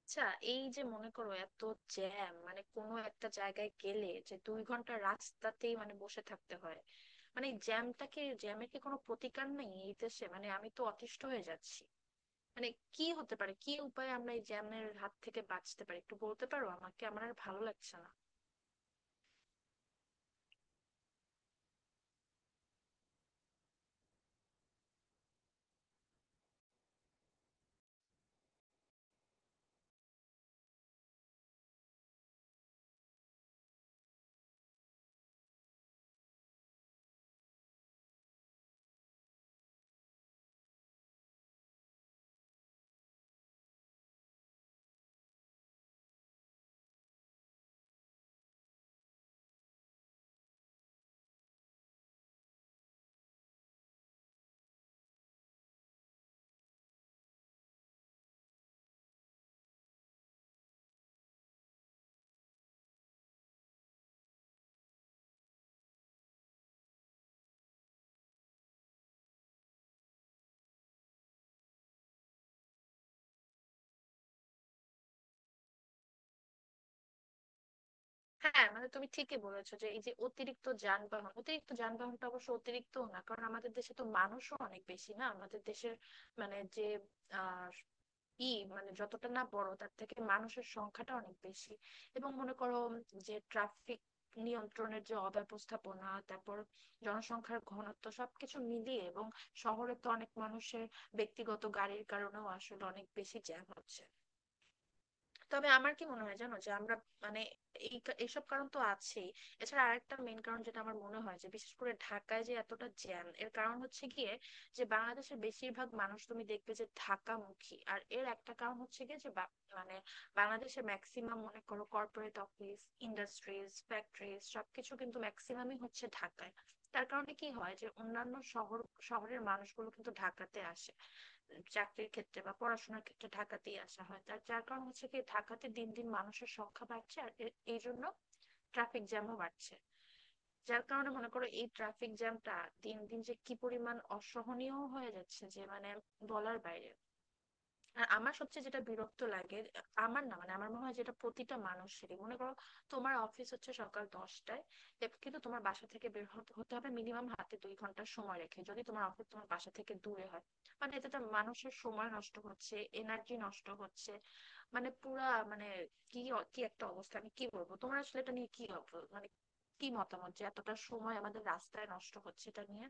আচ্ছা, এই যে মনে করো, এত জ্যাম, মানে কোনো একটা জায়গায় গেলে যে 2 ঘন্টা রাস্তাতেই মানে বসে থাকতে হয়, মানে এই জ্যামটাকে, জ্যামের কি কোনো প্রতিকার নেই এই দেশে? মানে আমি তো অতিষ্ঠ হয়ে যাচ্ছি। মানে কি হতে পারে, কি উপায়ে আমরা এই জ্যামের হাত থেকে বাঁচতে পারি, একটু বলতে পারো আমাকে? আমার আর ভালো লাগছে না। হ্যাঁ, মানে তুমি ঠিকই বলেছো যে এই যে অতিরিক্ত যানবাহন, অতিরিক্ত যানবাহনটা অবশ্য অতিরিক্ত না, কারণ আমাদের দেশে তো মানুষও অনেক বেশি, না আমাদের দেশের মানে যে ই মানে যতটা না বড়, তার থেকে মানুষের সংখ্যাটা অনেক বেশি। এবং মনে করো যে ট্রাফিক নিয়ন্ত্রণের যে অব্যবস্থাপনা, তারপর জনসংখ্যার ঘনত্ব, সবকিছু মিলিয়ে, এবং শহরে তো অনেক মানুষের ব্যক্তিগত গাড়ির কারণেও আসলে অনেক বেশি জ্যাম হচ্ছে। তবে আমার কি মনে হয় জানো, যে আমরা, মানে, এই এইসব কারণ তো আছেই। এছাড়া আরেকটা মেন কারণ যেটা আমার মনে হয়, যে বিশেষ করে ঢাকায় যে এতটা জ্যাম, এর কারণ হচ্ছে গিয়ে যে বাংলাদেশের বেশিরভাগ মানুষ তুমি দেখবে যে ঢাকামুখী। আর এর একটা কারণ হচ্ছে গিয়ে যে মানে বাংলাদেশে ম্যাক্সিমাম মনে করো কর্পোরেট অফিস, ইন্ডাস্ট্রিজ, ফ্যাক্টরিজ সবকিছু কিন্তু ম্যাক্সিমামই হচ্ছে ঢাকায়। তার কারণে কি হয়, যে অন্যান্য শহরের মানুষগুলো কিন্তু ঢাকাতে আসে, চাকরির ক্ষেত্রে বা পড়াশোনার ক্ষেত্রে ঢাকাতেই আসা হয়। যার কারণ হচ্ছে, কি ঢাকাতে দিন দিন মানুষের সংখ্যা বাড়ছে, আর এই জন্য ট্রাফিক জ্যামও বাড়ছে। যার কারণে মনে করো এই ট্রাফিক জ্যামটা দিন দিন যে কি পরিমাণ অসহনীয় হয়ে যাচ্ছে, যে মানে বলার বাইরে। আর আমার সবচেয়ে যেটা বিরক্ত লাগে, আমার না, মানে আমার মনে হয় যেটা প্রতিটা মানুষেরই, মনে করো তোমার অফিস হচ্ছে সকাল 10টায়, কিন্তু তোমার বাসা থেকে বের হতে হতে হবে মিনিমাম হাতে 2 ঘন্টার সময় রেখে, যদি তোমার অফিস তোমার বাসা থেকে দূরে হয়। মানে এতে তো মানুষের সময় নষ্ট হচ্ছে, এনার্জি নষ্ট হচ্ছে, মানে পুরা মানে কি কি একটা অবস্থা। আমি কি বলবো তোমার আসলে এটা নিয়ে, কি মানে কি মতামত, যে এতটা সময় আমাদের রাস্তায় নষ্ট হচ্ছে এটা নিয়ে?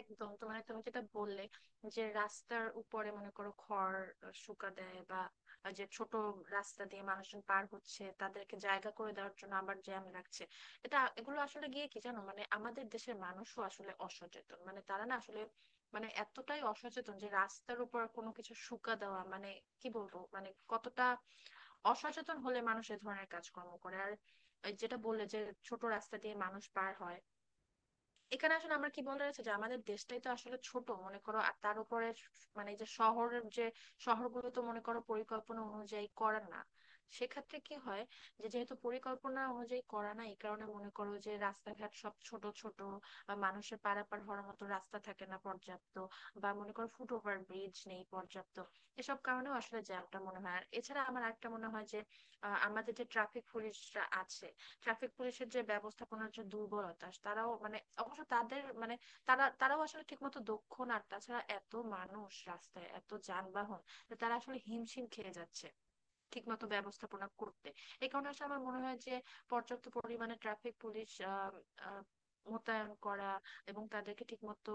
একদম। তোমার, তুমি যেটা বললে যে রাস্তার উপরে মনে করো খড় শুকা দেয়, বা যে ছোট রাস্তা দিয়ে মানুষজন পার হচ্ছে তাদেরকে জায়গা করে দেওয়ার জন্য আবার জ্যাম লাগছে, এটা, এগুলো আসলে গিয়ে কি জানো, মানে আমাদের দেশের মানুষও আসলে অসচেতন, মানে তারা না আসলে, মানে এতটাই অসচেতন যে রাস্তার উপর কোনো কিছু শুকা দেওয়া, মানে কি বলবো, মানে কতটা অসচেতন হলে মানুষ এ ধরনের কাজকর্ম করে। আর ওই যেটা বললে যে ছোট রাস্তা দিয়ে মানুষ পার হয়, এখানে আসলে আমার কি বলার আছে, যে আমাদের দেশটাই তো আসলে ছোট মনে করো, আর তার উপরে মানে এই যে শহরের যে শহরগুলো তো মনে করো পরিকল্পনা অনুযায়ী করা না। সেক্ষেত্রে কি হয়, যে যেহেতু পরিকল্পনা অনুযায়ী করা না, এই কারণে মনে করো যে রাস্তাঘাট সব ছোট ছোট, বা মানুষের পারাপার হওয়ার মতো রাস্তা থাকে না পর্যাপ্ত, বা মনে করো ফুটওভার ব্রিজ নেই পর্যাপ্ত। এসব কারণেও আসলে জ্যামটা মনে হয়। আর এছাড়া আমার একটা মনে হয় যে আমাদের যে ট্রাফিক পুলিশরা আছে, ট্রাফিক পুলিশের যে ব্যবস্থাপনার যে দুর্বলতা, তারাও মানে, অবশ্য তাদের মানে তারাও আসলে ঠিকমতো দক্ষ না। আর তাছাড়া এত মানুষ রাস্তায়, এত যানবাহন, যে তারা আসলে হিমশিম খেয়ে যাচ্ছে ঠিকমতো ব্যবস্থাপনা করতে। এই কারণে আসলে আমার মনে হয় যে পর্যাপ্ত পরিমাণে ট্রাফিক পুলিশ আহ আহ, মোতায়েন করা, এবং তাদেরকে ঠিকমতো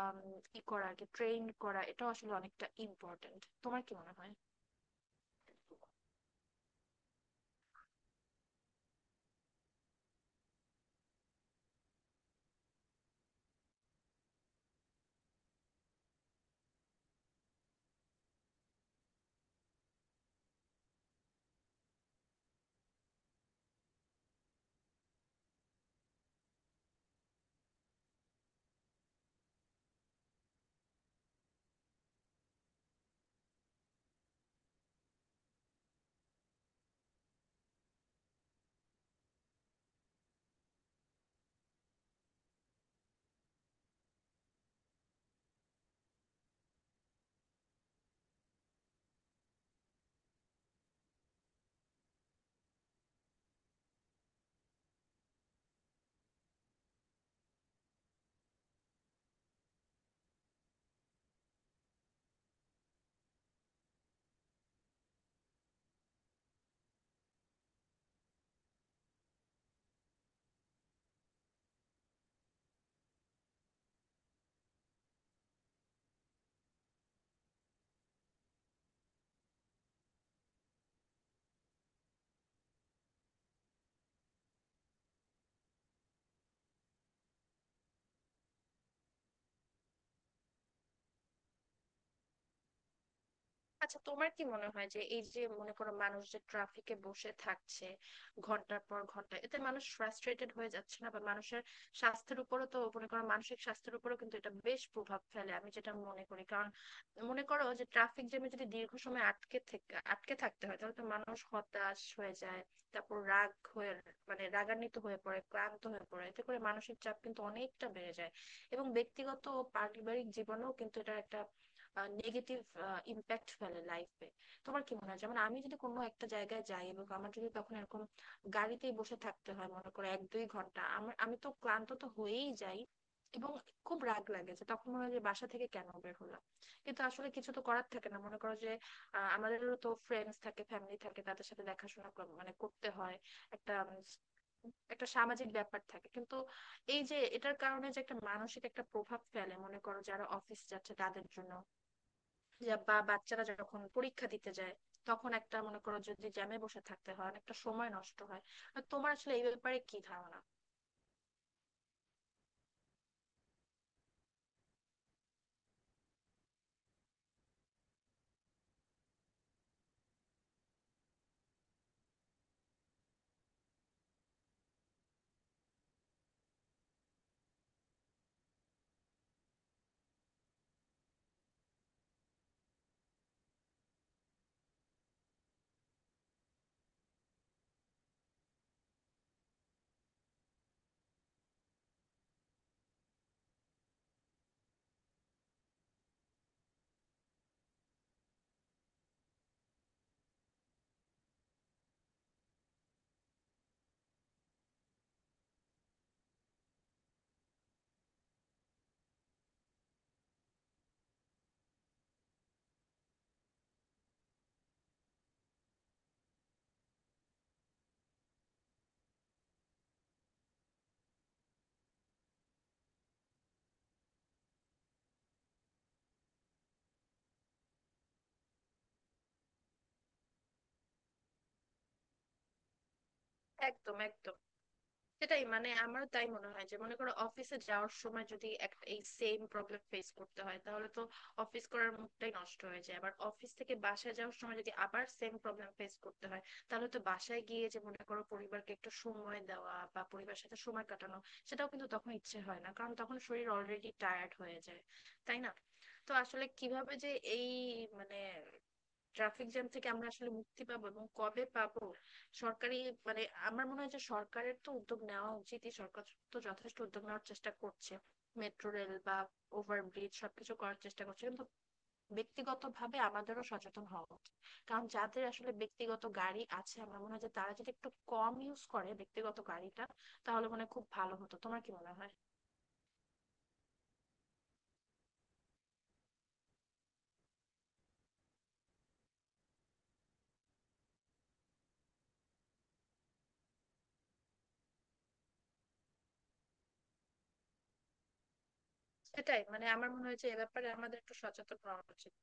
আম, করা, ট্রেন করা, এটাও আসলে অনেকটা ইম্পর্টেন্ট। তোমার কি মনে হয়? আচ্ছা তোমার কি মনে হয় যে এই যে মনে করো মানুষ যে ট্রাফিকে বসে থাকছে ঘন্টার পর ঘন্টা, এতে মানুষ ফ্রাস্ট্রেটেড হয়ে যাচ্ছে না? বা মানুষের স্বাস্থ্যের উপরও তো মনে করো, মানসিক স্বাস্থ্যের উপরও কিন্তু এটা বেশ প্রভাব ফেলে, আমি যেটা মনে করি। কারণ মনে করো যে ট্রাফিক জ্যামে যদি দীর্ঘ সময় আটকে থাকতে হয়, তাহলে তো মানুষ হতাশ হয়ে যায়, তারপর রাগ হয়ে, মানে রাগান্বিত হয়ে পড়ে, ক্লান্ত হয়ে পড়ে। এতে করে মানসিক চাপ কিন্তু অনেকটা বেড়ে যায়, এবং ব্যক্তিগত ও পারিবারিক জীবনেও কিন্তু এটা একটা নেগেটিভ ইম্প্যাক্ট ফেলে লাইফে। তোমার কি মনে হয়? যেমন আমি যদি কোনো একটা জায়গায় যাই, এবং আমার যদি তখন এরকম গাড়িতেই বসে থাকতে হয় মনে করো 1-2 ঘন্টা, আমি তো ক্লান্ত তো হয়েই যাই, এবং খুব রাগ লাগে। যে তখন মনে হয় যে বাসা থেকে কেন বের হলাম। কিন্তু আসলে কিছু তো করার থাকে না, মনে করো যে আমাদেরও তো ফ্রেন্ডস থাকে, ফ্যামিলি থাকে, তাদের সাথে দেখাশোনা মানে করতে হয়। একটা একটা সামাজিক ব্যাপার থাকে। কিন্তু এই যে এটার কারণে যে একটা মানসিক একটা প্রভাব ফেলে, মনে করো যারা অফিস যাচ্ছে তাদের জন্য, বা বাচ্চারা যখন পরীক্ষা দিতে যায়, তখন একটা মনে করো যদি জ্যামে বসে থাকতে হয়, অনেকটা সময় নষ্ট হয়। আর তোমার আসলে এই ব্যাপারে কি ধারণা? একদম একদম, সেটাই। মানে আমারও তাই মনে হয়, যে মনে করো অফিসে যাওয়ার সময় যদি একটা এই সেম প্রবলেম ফেস করতে হয়, তাহলে তো অফিস করার মুডটাই নষ্ট হয়ে যায়। আবার অফিস থেকে বাসায় যাওয়ার সময় যদি আবার সেম প্রবলেম ফেস করতে হয়, তাহলে তো বাসায় গিয়ে যে মনে করো পরিবারকে একটু সময় দেওয়া, বা পরিবারের সাথে সময় কাটানো, সেটাও কিন্তু তখন ইচ্ছে হয় না, কারণ তখন শরীর অলরেডি টায়ার্ড হয়ে যায়। তাই না? তো আসলে কিভাবে যে এই মানে ট্রাফিক জ্যাম থেকে আমরা আসলে মুক্তি পাবো, এবং কবে পাবো? সরকারি, মানে আমার মনে হয় যে সরকারের তো উদ্যোগ নেওয়া উচিত। সরকার তো যথেষ্ট উদ্যোগ নেওয়ার চেষ্টা করছে, মেট্রো রেল বা ওভারব্রিজ সবকিছু করার চেষ্টা করছে, কিন্তু ব্যক্তিগতভাবে আমাদেরও সচেতন হওয়া উচিত। কারণ যাদের আসলে ব্যক্তিগত গাড়ি আছে, আমার মনে হয় যে তারা যদি একটু কম ইউজ করে ব্যক্তিগত গাড়িটা, তাহলে মনে হয় খুব ভালো হতো। তোমার কি মনে হয়? সেটাই, মানে আমার মনে হয় যে এ ব্যাপারে আমাদের একটু সচেতন হওয়া উচিত।